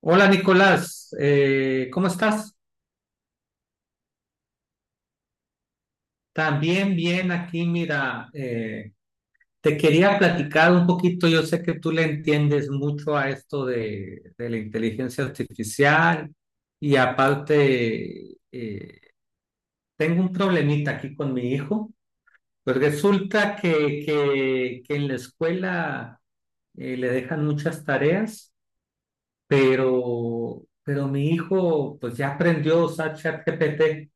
Hola Nicolás, ¿cómo estás? También bien aquí. Mira, te quería platicar un poquito. Yo sé que tú le entiendes mucho a esto de la inteligencia artificial, y aparte tengo un problemita aquí con mi hijo. Pues resulta que en la escuela le dejan muchas tareas, pero mi hijo pues ya aprendió a usar ChatGPT.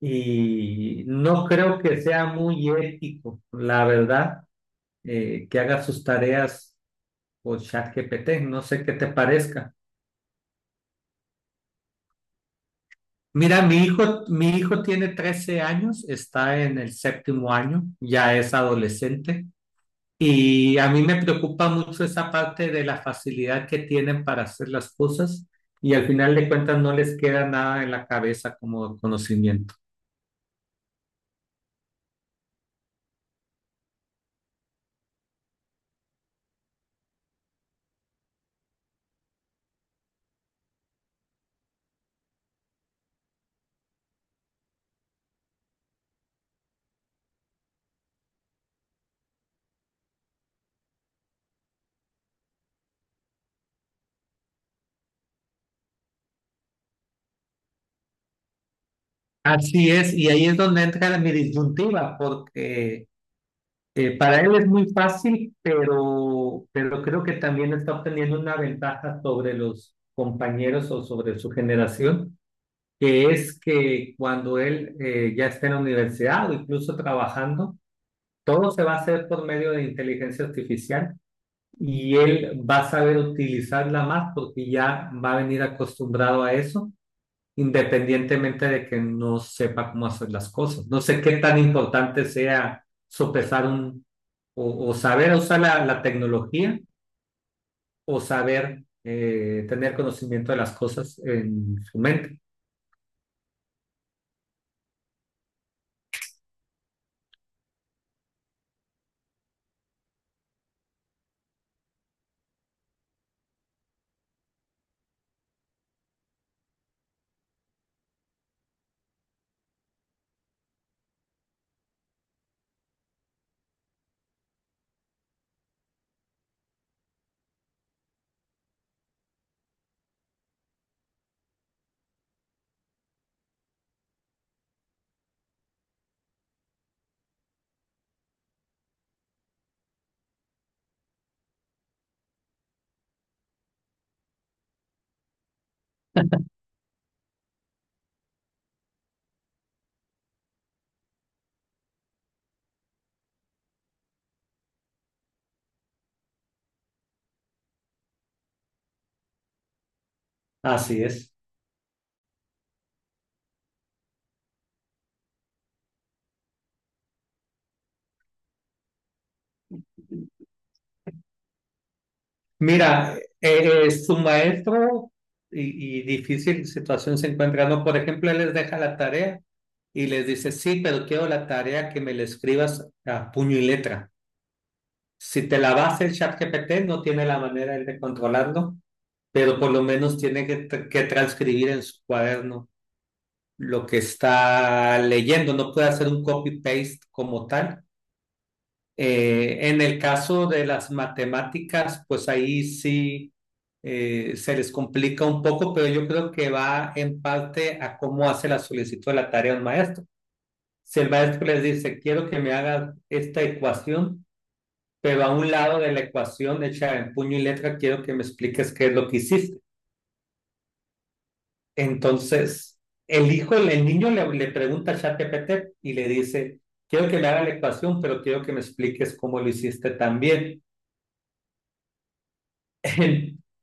Y no creo que sea muy ético, la verdad, que haga sus tareas con ChatGPT. No sé qué te parezca. Mira, mi hijo tiene 13 años, está en el séptimo año, ya es adolescente. Y a mí me preocupa mucho esa parte de la facilidad que tienen para hacer las cosas, y al final de cuentas no les queda nada en la cabeza como conocimiento. Así es, y ahí es donde entra mi disyuntiva. Porque Para él es muy fácil, pero creo que también está obteniendo una ventaja sobre los compañeros o sobre su generación, que es que cuando él ya esté en la universidad o incluso trabajando, todo se va a hacer por medio de inteligencia artificial, y él va a saber utilizarla más porque ya va a venir acostumbrado a eso, independientemente de que no sepa cómo hacer las cosas. No sé qué tan importante sea sopesar o saber usar la tecnología, o saber tener conocimiento de las cosas en su mente. Así es. Mira, su maestro y difícil situación se encuentra, ¿no? Por ejemplo, él les deja la tarea y les dice, sí, pero quiero la tarea que me la escribas a puño y letra. Si te la vas el ChatGPT, no tiene la manera él de controlarlo, pero por lo menos tiene que transcribir en su cuaderno lo que está leyendo. No puede hacer un copy-paste como tal. En el caso de las matemáticas, pues ahí sí se les complica un poco, pero yo creo que va en parte a cómo hace la solicitud de la tarea un maestro. Si el maestro les dice, quiero que me hagas esta ecuación, pero a un lado de la ecuación hecha en puño y letra, quiero que me expliques qué es lo que hiciste. Entonces niño le, le pregunta a ChatGPT y le dice, quiero que me haga la ecuación, pero quiero que me expliques cómo lo hiciste también.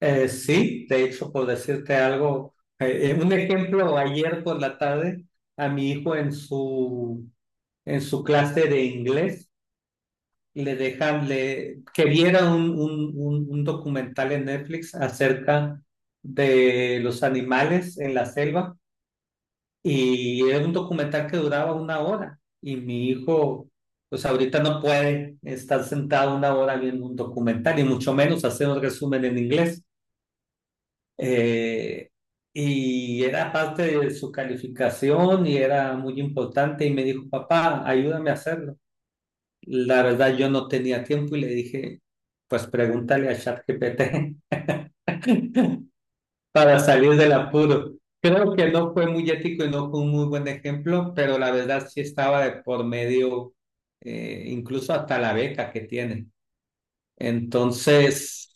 Sí, de hecho, por decirte algo, un ejemplo, ayer por la tarde, a mi hijo en su clase de inglés, le dejan, le, que viera un documental en Netflix acerca de los animales en la selva. Y era un documental que duraba una hora, y mi hijo pues ahorita no puede estar sentado una hora viendo un documental, y mucho menos hacer un resumen en inglés. Eh, y era parte de su calificación y era muy importante, y me dijo, papá, ayúdame a hacerlo. La verdad, yo no tenía tiempo, y le dije, pues pregúntale a ChatGPT para salir del apuro. Creo que no fue muy ético y no fue un muy buen ejemplo, pero la verdad sí estaba de por medio, incluso hasta la beca que tiene. Entonces,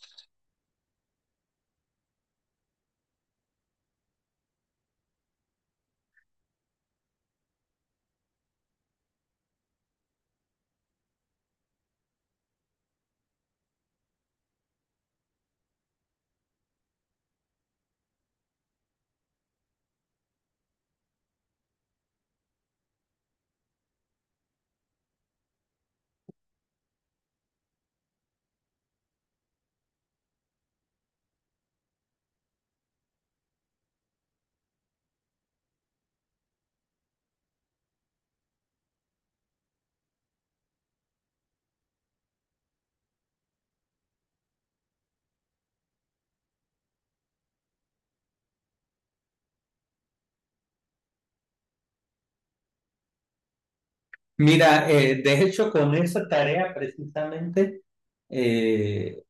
mira, de hecho, con esa tarea precisamente, eh,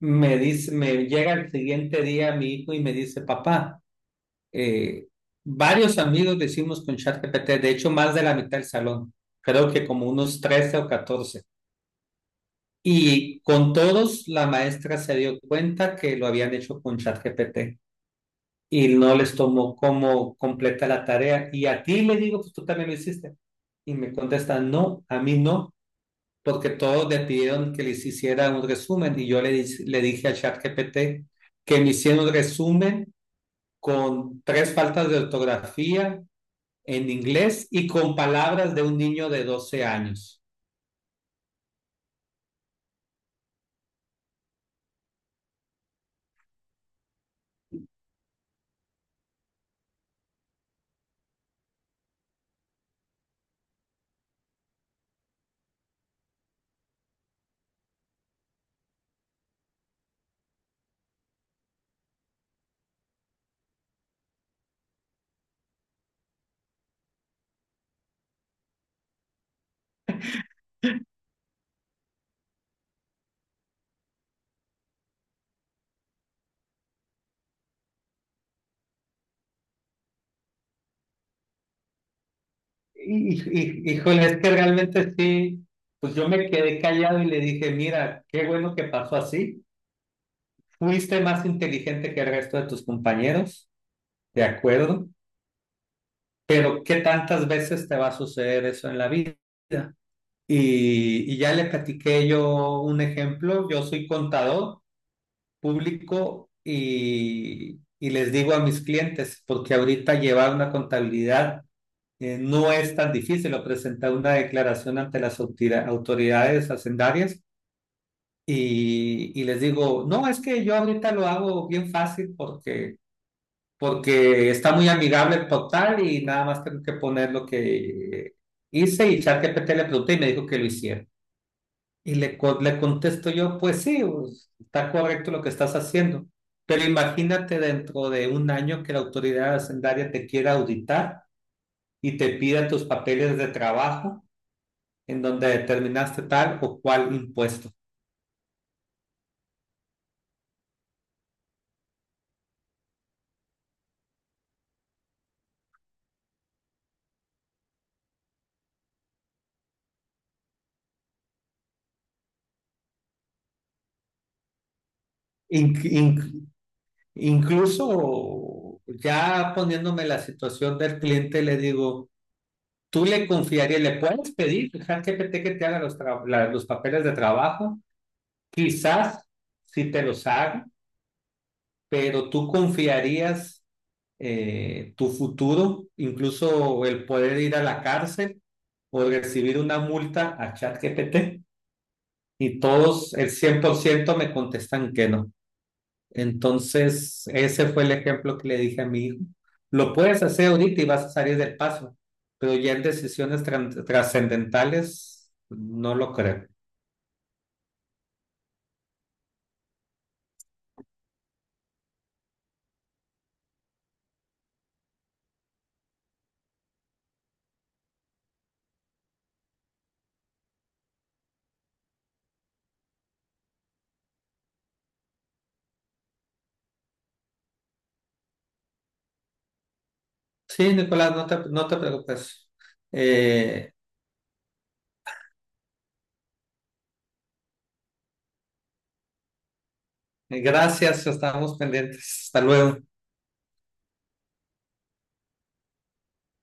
me dice, me llega el siguiente día mi hijo y me dice, papá. eh, Varios amigos decimos con ChatGPT, de hecho más de la mitad del salón, creo que como unos 13 o 14 Y con todos la maestra se dio cuenta que lo habían hecho con ChatGPT, y no les tomó como completa la tarea. Y a ti le digo, pues tú también lo hiciste. Y me contestan, no, a mí no, porque todos le pidieron que les hiciera un resumen, y yo le dije a ChatGPT que me hiciera un resumen con tres faltas de ortografía, en inglés y con palabras de un niño de 12 años. Y, Híjole, es que realmente sí, pues yo me quedé callado y le dije, mira, qué bueno que pasó así. Fuiste más inteligente que el resto de tus compañeros, de acuerdo, pero ¿qué tantas veces te va a suceder eso en la vida? Y ya le platiqué yo un ejemplo. Yo soy contador público, y les digo a mis clientes, porque ahorita llevar una contabilidad, no es tan difícil, o presentar una declaración ante las autoridades hacendarias. Y les digo, no, es que yo ahorita lo hago bien fácil porque está muy amigable el portal y nada más tengo que poner lo que hice, y ChatGPT le pregunté y me dijo que lo hiciera. Y le contesto yo, pues sí, pues está correcto lo que estás haciendo, pero imagínate dentro de un año que la autoridad hacendaria te quiera auditar y te pida tus papeles de trabajo en donde determinaste tal o cual impuesto. Inc- inc- Incluso ya poniéndome la situación del cliente, le digo, tú le confiarías, le puedes pedir al GPT que te haga los papeles de trabajo, quizás si te los haga, pero tú confiarías tu futuro, incluso el poder ir a la cárcel o recibir una multa, a ChatGPT. Y todos, el cien por ciento me contestan que no. Entonces, ese fue el ejemplo que le dije a mi hijo. Lo puedes hacer ahorita y vas a salir del paso, pero ya en decisiones trascendentales no lo creo. Sí, Nicolás, no te preocupes. Eh, Gracias, estamos pendientes. Hasta luego.